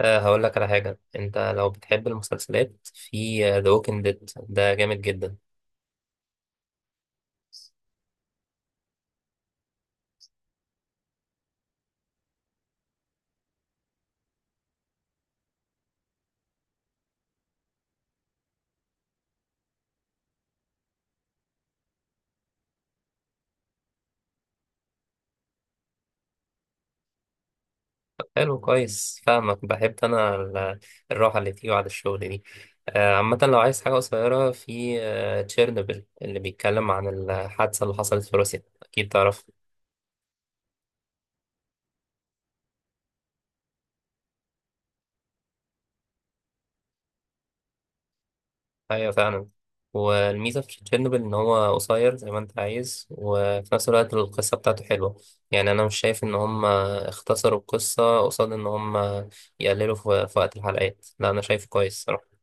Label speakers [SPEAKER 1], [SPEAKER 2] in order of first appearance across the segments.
[SPEAKER 1] هقول لك على حاجة. أنت لو بتحب المسلسلات، في ذا ووكينج ديد، ده جامد جدا. طب حلو، كويس، فاهمك. بحب أنا الراحة اللي فيه بعد الشغل دي. عامة لو عايز حاجة قصيرة، في تشيرنوبل، اللي بيتكلم عن الحادثة اللي حصلت في روسيا، أكيد تعرف. ايوه فعلا. والميزه في تشيرنوبل ان هو قصير زي ما انت عايز، وفي نفس الوقت القصه بتاعته حلوه. يعني انا مش شايف ان هم اختصروا القصه قصاد ان هم يقللوا في وقت الحلقات، لا انا شايفه كويس صراحه.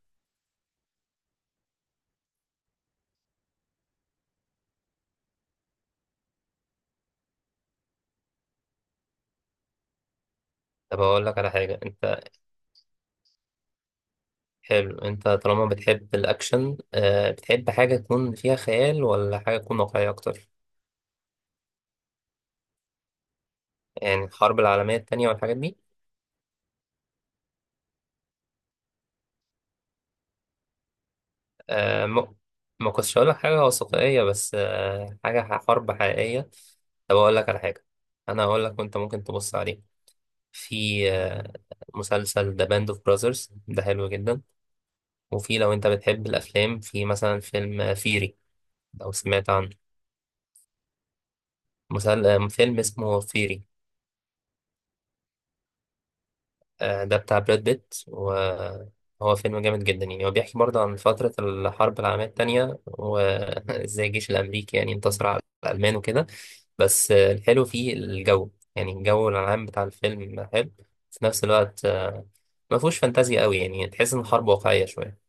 [SPEAKER 1] طب اقول لك على حاجه انت. حلو، انت طالما بتحب الاكشن، بتحب حاجه تكون فيها خيال ولا حاجه تكون واقعيه اكتر؟ يعني الحرب العالميه التانية والحاجات دي. آه. ما كنتش هقول لك حاجة وثائقية، بس حاجة حرب حقيقية. طب أقول لك على حاجة. أنا هقول لك وأنت ممكن تبص عليه. في مسلسل ذا باند أوف براذرز، ده حلو جدا. وفي لو أنت بتحب الأفلام، في مثلا فيلم فيري، لو سمعت عنه. مسل... آه، فيلم اسمه فيري. آه، ده بتاع براد بيت، وهو فيلم جامد جدا. يعني هو بيحكي برضه عن فترة الحرب العالمية التانية، وازاي الجيش الأمريكي يعني انتصر على الألمان وكده. بس الحلو فيه الجو، يعني الجو العام بتاع الفيلم حلو. في نفس الوقت، ما فيهوش فانتازيا قوي، يعني تحس إن الحرب واقعية شوية.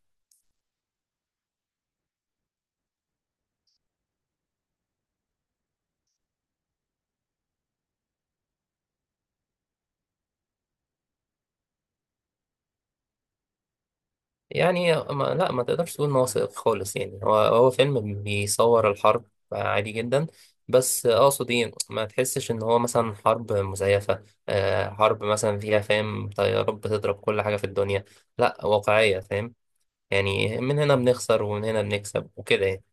[SPEAKER 1] يعني ما تقدرش تقول إن هو وثائقي خالص. يعني هو فيلم بيصور الحرب عادي جدا. بس اقصد ايه، ما تحسش ان هو مثلا حرب مزيفة، آه، حرب مثلا فيها، فاهم، طيارات بتضرب كل حاجة في الدنيا. لا، واقعية، فاهم. يعني من هنا بنخسر ومن هنا بنكسب وكده يعني.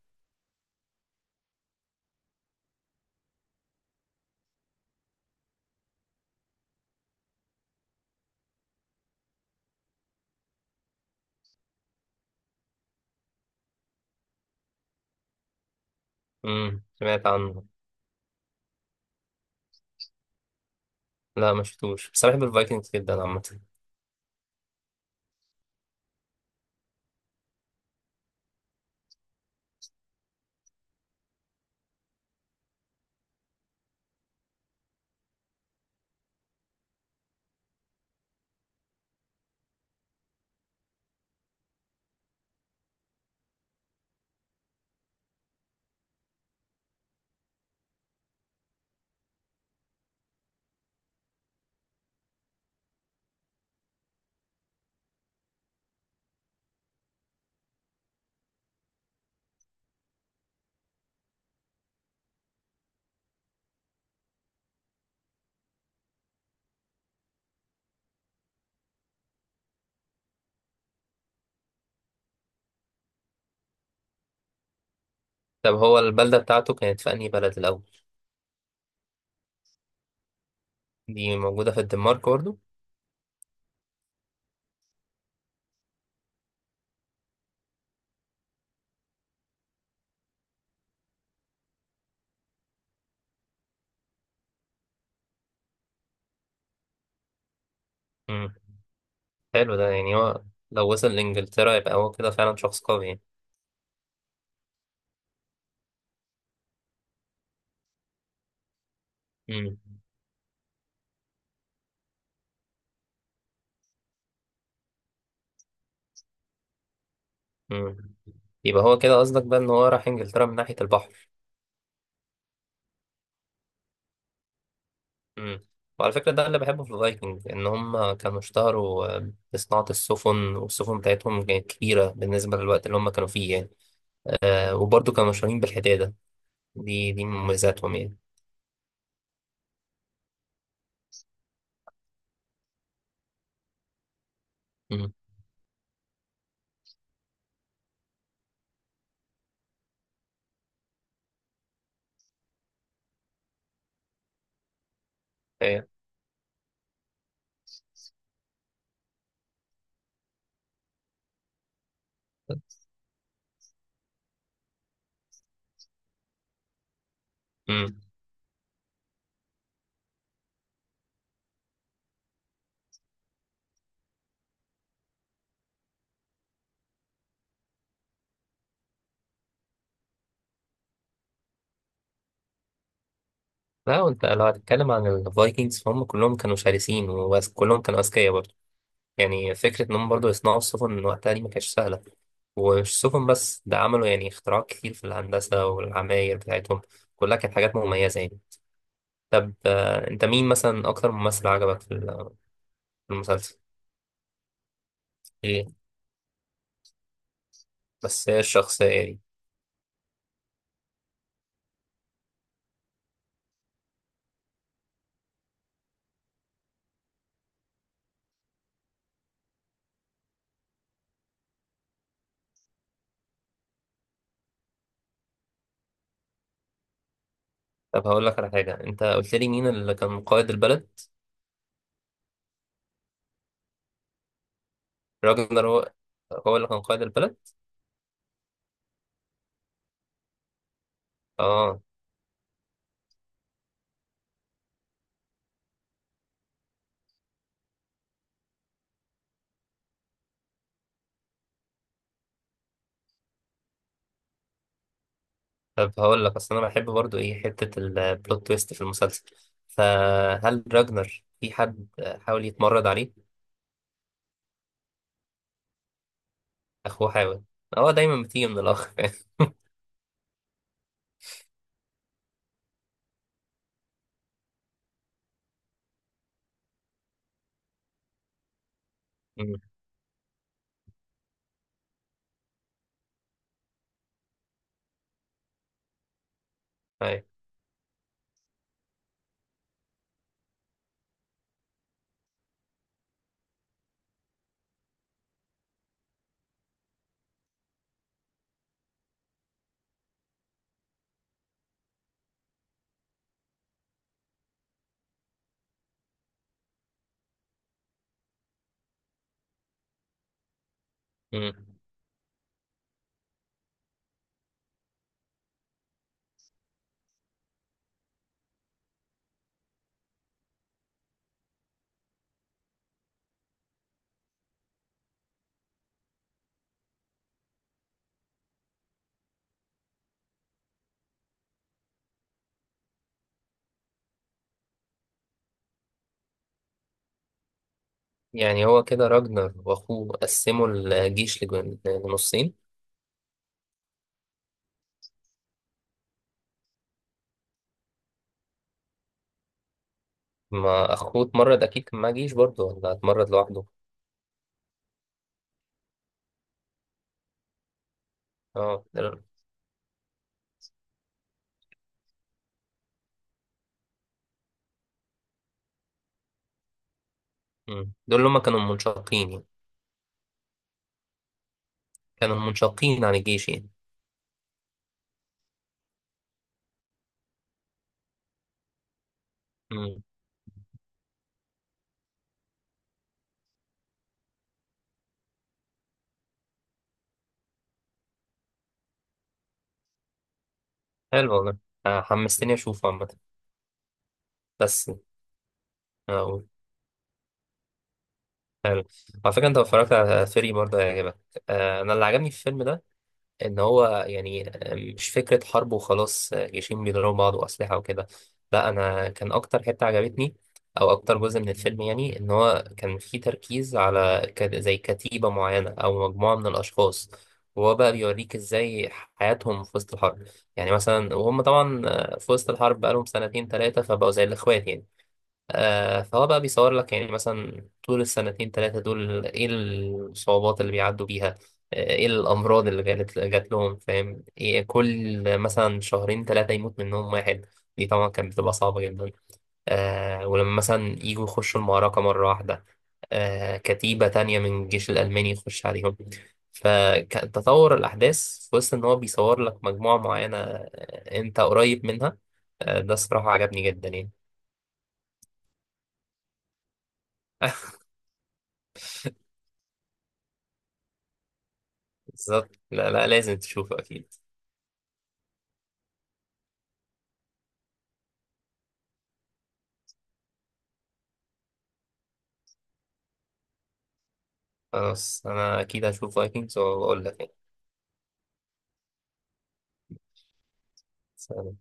[SPEAKER 1] امم، سمعت عنه. لا ما شفتوش، بس أنا بحب الفايكنجز جدا عامة. طب هو البلدة بتاعته كانت في أنهي بلد الأول؟ دي موجودة في الدنمارك برضه؟ حلو، ده يعني هو لو وصل لإنجلترا، يبقى هو كده فعلا شخص قوي يعني. مم. مم. يبقى هو كده قصدك بقى إن هو راح إنجلترا من ناحية البحر. مم. وعلى فكرة، ده اللي بحبه في الفايكنج، إن هم كانوا اشتهروا، بصناعة السفن، والسفن بتاعتهم كانت كبيرة بالنسبة للوقت اللي هم كانوا فيه يعني. آه، وبرضه كانوا مشهورين بالحدادة. دي من مميزاتهم يعني. مم. إيه. مم. لا، وانت لو هتتكلم عن الفايكنجز، فهم كلهم كانوا شرسين وكلهم كانوا أذكياء برضه. يعني فكرة إنهم برضه يصنعوا السفن من وقتها دي، ما كانتش سهلة. ومش سفن بس، ده عملوا يعني اختراعات كتير في الهندسة والعماير بتاعتهم، كلها كانت حاجات مميزة يعني. طب، أنت مين مثلا أكتر ممثل عجبك في في المسلسل؟ إيه؟ بس هي الشخصية دي. طب هقول لك على حاجة، أنت قلت لي مين اللي كان قائد البلد؟ راجنر هو هو اللي كان قائد البلد؟ آه. طب هقول لك، أصل أنا بحب برضه إيه، حتة البلوت تويست في المسلسل. فهل راجنر في حد حاول يتمرد عليه؟ اخوه حاول. هو دايما بتيجي من الاخ. أمم. أيوة. أمم. يعني هو كده راجنر واخوه قسموا الجيش لنصين؟ ما اخوه اتمرد، اكيد كان معاه جيش برضه، ولا اتمرد لوحده؟ اه دول. أمم. دول اللي هما كانوا منشقين يعني؟ كانوا منشقين عن الجيش يعني؟ أمم. حلو والله. آه، حمستني اشوفه عامة. بس اقول، حلو. على فكرة انت لو اتفرجت على فيري برضه هيعجبك. آه، انا اللي عجبني في الفيلم ده، ان هو يعني مش فكره حرب وخلاص، آه، جيشين بيضربوا بعض واسلحه وكده. لا، انا كان اكتر حته عجبتني، او اكتر جزء من الفيلم، يعني ان هو كان فيه تركيز على زي كتيبه معينه او مجموعه من الاشخاص، وهو بقى بيوريك ازاي حياتهم في وسط الحرب. يعني مثلا، وهم طبعا في وسط الحرب بقالهم 2 3 سنين، فبقوا زي الاخوات يعني. آه، فهو بقى بيصور لك يعني مثلا طول ال2 3 دول، ايه الصعوبات اللي بيعدوا بيها، آه، ايه الأمراض اللي جات لهم، فاهم، إيه كل مثلا 2 3 شهور يموت منهم واحد. دي طبعا كانت بتبقى صعبة جدا. آه، ولما مثلا يجوا يخشوا المعركة مرة واحدة، آه، كتيبة تانية من الجيش الألماني يخش عليهم. فتطور الأحداث في وسط إن هو بيصور لك مجموعة معينة، آه، أنت قريب منها. آه، ده الصراحة عجبني جدا يعني. بالظبط، لا لا، لازم تشوفه أكيد. خلاص أنا أكيد هشوف فايكنجز وأقول لك. يعني